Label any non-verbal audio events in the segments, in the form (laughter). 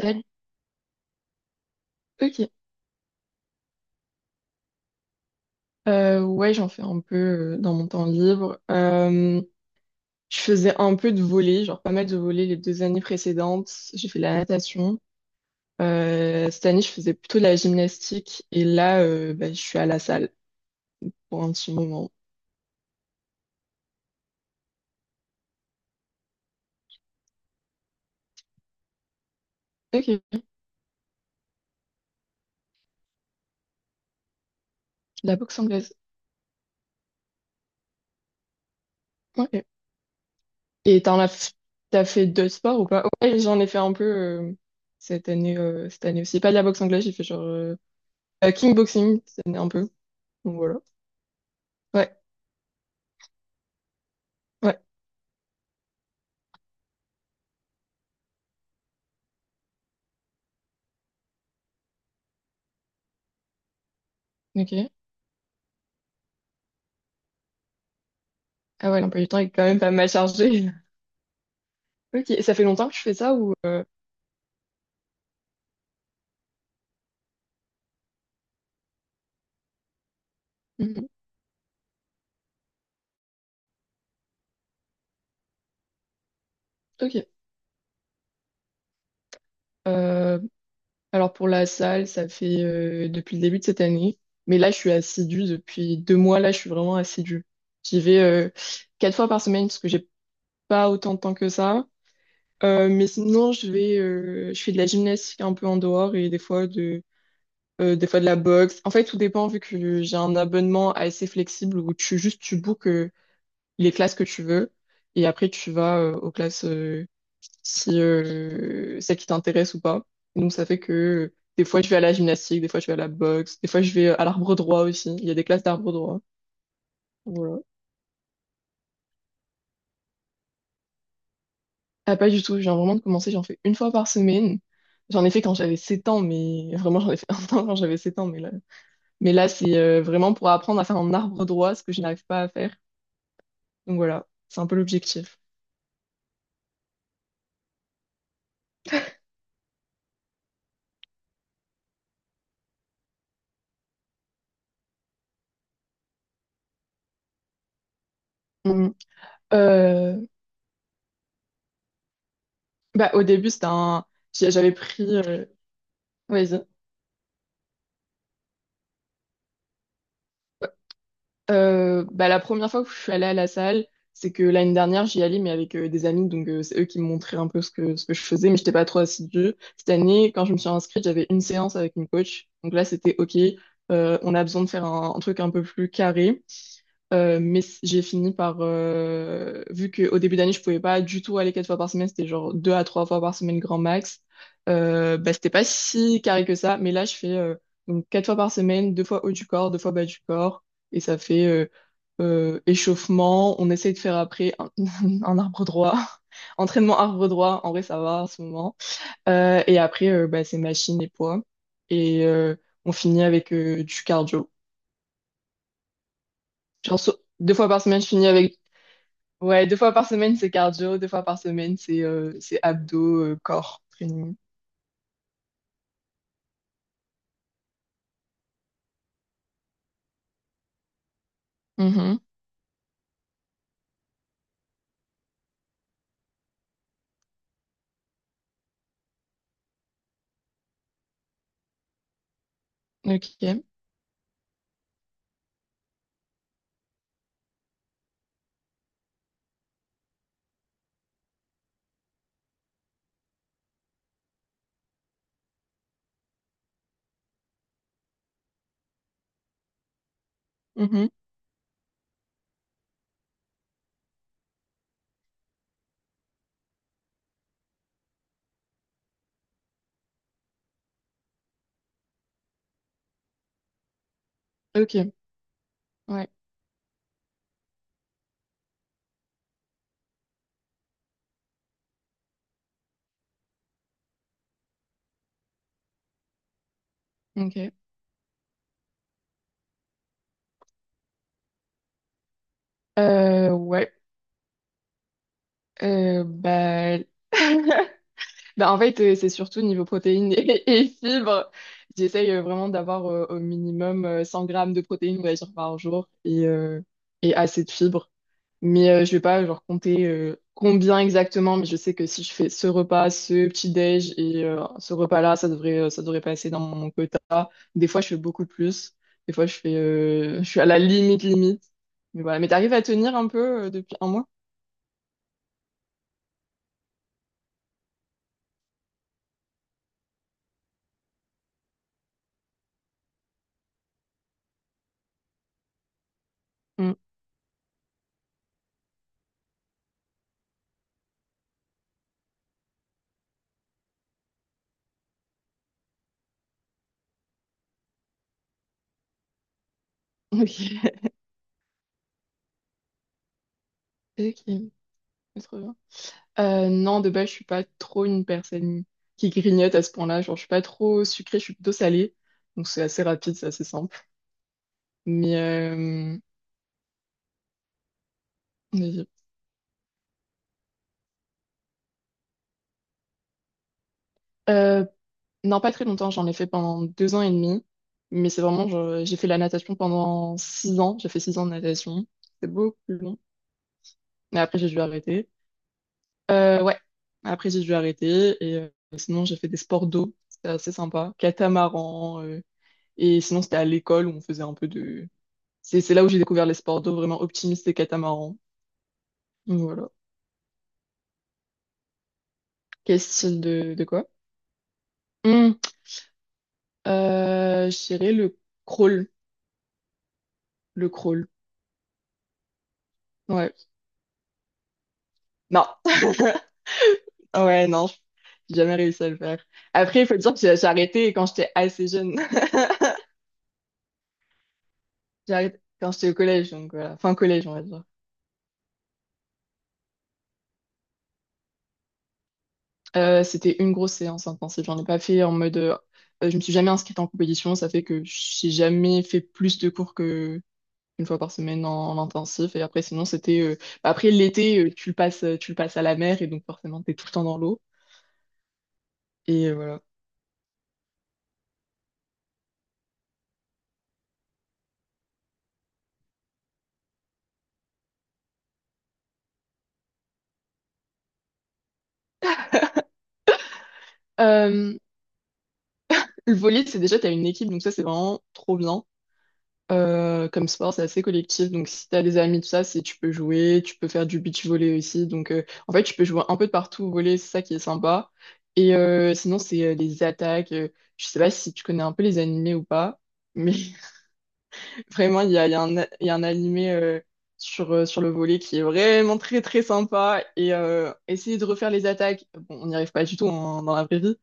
Salut. Ok. Ouais, j'en fais un peu dans mon temps libre. Je faisais un peu de volley, genre pas mal de volley les deux années précédentes. J'ai fait de la natation. Cette année, je faisais plutôt de la gymnastique. Et là, bah, je suis à la salle pour un petit moment. Ok. De La boxe anglaise. Ok. Et t'as fait deux sports ou pas? Ouais, j'en ai fait un peu cette année aussi. Pas de la boxe anglaise, j'ai fait genre kickboxing cette année un peu. Donc voilà. Ouais. Ouais. Ok. Ah ouais, l'emploi du temps est quand même pas mal chargé. (laughs) Ok, ça fait longtemps que je fais ça ou. Mhm. Ok. Euh, alors pour la salle, ça fait depuis le début de cette année. Mais là, je suis assidue depuis 2 mois. Là, je suis vraiment assidue. J'y vais 4 fois par semaine parce que j'ai pas autant de temps que ça. Mais sinon, je fais de la gymnastique un peu en dehors et des fois de la boxe. En fait, tout dépend vu que j'ai un abonnement assez flexible où tu juste tu bookes. Les classes que tu veux, et après tu vas aux classes si celles qui t'intéressent ou pas. Donc ça fait que des fois je vais à la gymnastique, des fois je vais à la boxe, des fois je vais à l'arbre droit aussi. Il y a des classes d'arbre droit. Voilà. Ah pas du tout, je viens vraiment de commencer, j'en fais 1 fois par semaine. J'en ai fait quand j'avais 7 ans, mais vraiment j'en ai fait (laughs) 1 an quand j'avais 7 ans, mais là c'est vraiment pour apprendre à faire un arbre droit, ce que je n'arrive pas à faire. Donc voilà, c'est un peu l'objectif. Mhm. Euh, Bah, au début, c'était un. J'avais pris. Vas-y. Bah, la première fois que je suis allée à la salle, c'est que l'année dernière, j'y allais, mais avec des amis. Donc, c'est eux qui me montraient un peu ce que je faisais, mais j'étais pas trop assidue. Cette année, quand je me suis inscrite, j'avais une séance avec une coach. Donc là, c'était OK. On a besoin de faire un truc un peu plus carré. Mais j'ai fini par, vu qu'au début d'année, je pouvais pas du tout aller 4 fois par semaine, c'était genre 2 à 3 fois par semaine grand max. Bah, c'était pas si carré que ça, mais là, je fais donc 4 fois par semaine, 2 fois haut du corps, 2 fois bas du corps, et ça fait échauffement. On essaye de faire après (laughs) un arbre droit, (laughs) entraînement arbre droit, en vrai, ça va en ce moment. Et après, bah, c'est machine et poids, et on finit avec du cardio. Genre, 2 fois par semaine, je finis avec. Ouais, 2 fois par semaine, c'est cardio, 2 fois par semaine, c'est abdos, corps, training. Mhm. Ok. Mhm. Ok. Ouais. Ok. Ouais. Euh, bah... (laughs) Bah, en fait, c'est surtout niveau protéines et, (laughs) et fibres. J'essaye vraiment d'avoir au minimum 100 grammes de protéines, on va dire, par jour et assez de fibres. Mais je vais pas genre compter combien exactement, mais je sais que si je fais ce repas, ce petit-déj et ce repas-là, ça devrait passer dans mon quota. Des fois, je fais beaucoup plus. Des fois, je suis à la limite, limite. Mais voilà. Mais t'arrives à tenir un peu depuis un mois? Mm. Ok. (laughs) Ok. Trop bien. Non, de base, je suis pas trop une personne qui grignote à ce point-là. Genre, je suis pas trop sucrée, je suis plutôt salée. Donc, c'est assez rapide, c'est assez simple. Mais, vas-y. Euh, non, pas très longtemps. J'en ai fait pendant 2 ans et demi. Mais c'est vraiment, genre, j'ai fait la natation pendant 6 ans. J'ai fait 6 ans de natation. C'est beaucoup plus long. Mais après, j'ai dû arrêter. Ouais. Après, j'ai dû arrêter. Et sinon, j'ai fait des sports d'eau. C'était assez sympa. Catamaran. Et sinon, c'était à l'école où on faisait un peu de. C'est là où j'ai découvert les sports d'eau vraiment optimistes et catamarans. Donc, voilà. Quel style de quoi? Hmm, je dirais le crawl. Le crawl. Ouais. Non. (laughs) Ouais, non, j'ai jamais réussi à le faire. Après, il faut dire que j'ai arrêté quand j'étais assez jeune. (laughs) J'ai arrêté quand j'étais au collège, donc voilà. Fin collège, on va dire. C'était une grosse séance intensive. J'en ai pas fait en mode. Je me suis jamais inscrite en compétition. Ça fait que j'ai jamais fait plus de cours que 1 fois par semaine en intensif. Et après, sinon, c'était. Bah, après, l'été, tu le passes à la mer et donc forcément, t'es tout le temps dans l'eau. Et voilà. Euh, le volley, c'est déjà, t'as une équipe, donc ça, c'est vraiment trop bien. Comme sport, c'est assez collectif. Donc, si t'as des amis, tout ça, c'est tu peux jouer, tu peux faire du beach volley aussi. Donc, en fait, tu peux jouer un peu de partout au volley, c'est ça qui est sympa. Et sinon, c'est les attaques. Je sais pas si tu connais un peu les animés ou pas, mais vraiment, il y a un animé sur le volet qui est vraiment très très sympa. Et essayer de refaire les attaques, bon, on n'y arrive pas du tout dans la vraie vie,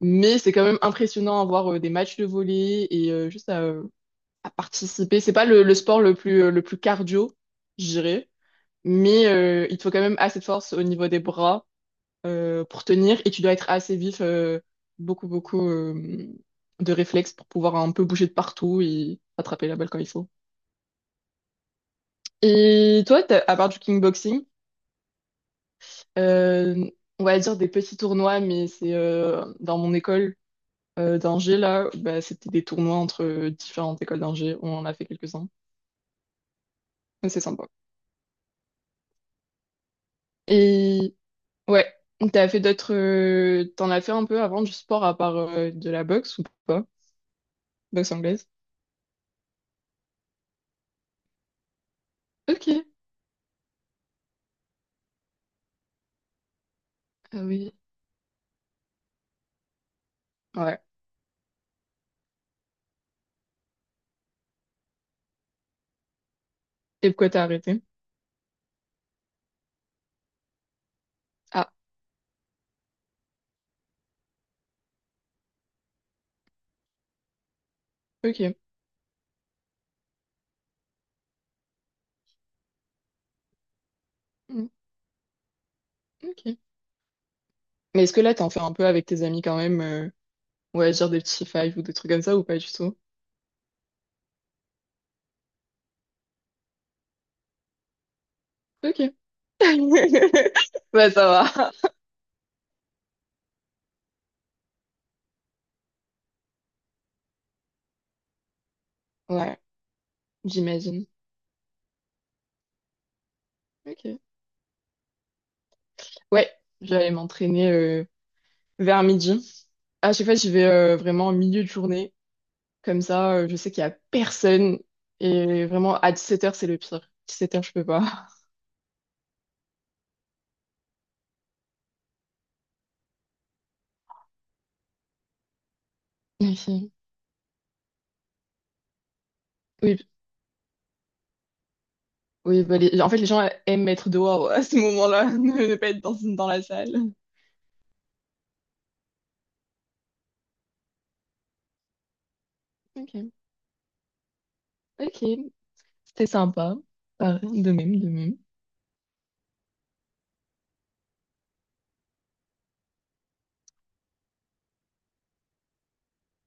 mais c'est quand même impressionnant à voir des matchs de volley et juste à participer. C'est pas le sport le plus cardio, je dirais, mais il te faut quand même assez de force au niveau des bras pour tenir et tu dois être assez vif, beaucoup beaucoup de réflexes pour pouvoir un peu bouger de partout et attraper la balle quand il faut. Et toi, à part du kickboxing, euh, on va dire des petits tournois, mais c'est dans mon école d'ingé, là, bah, c'était des tournois entre différentes écoles d'ingé. On en a fait quelques-uns. Mais c'est sympa. Et ouais, t'as fait t'en as fait un peu avant du sport à part de la boxe ou pas? Boxe anglaise? Ok. Ah oui. Ouais. Et pourquoi t'as arrêté? Ah, ok. Mm, ok. Mais est-ce que là, t'en fais un peu avec tes amis quand même? Ouais, dire des petits fives ou des trucs comme ça ou pas du tout? Ok. (laughs) Bah, ça va. Ouais, j'imagine. Ok. Ouais, j'allais m'entraîner vers midi. À chaque fois, j'y vais vraiment en milieu de journée. Comme ça, je sais qu'il y a personne. Et vraiment, à 17 h, c'est le pire. 17 h, je peux pas. (laughs) Ok. Oui, oui bah, en fait, les gens aiment être dehors à ce moment-là, (laughs) ne pas être dans la salle. Ok. Ok. C'était sympa. Pareil, de même, de même.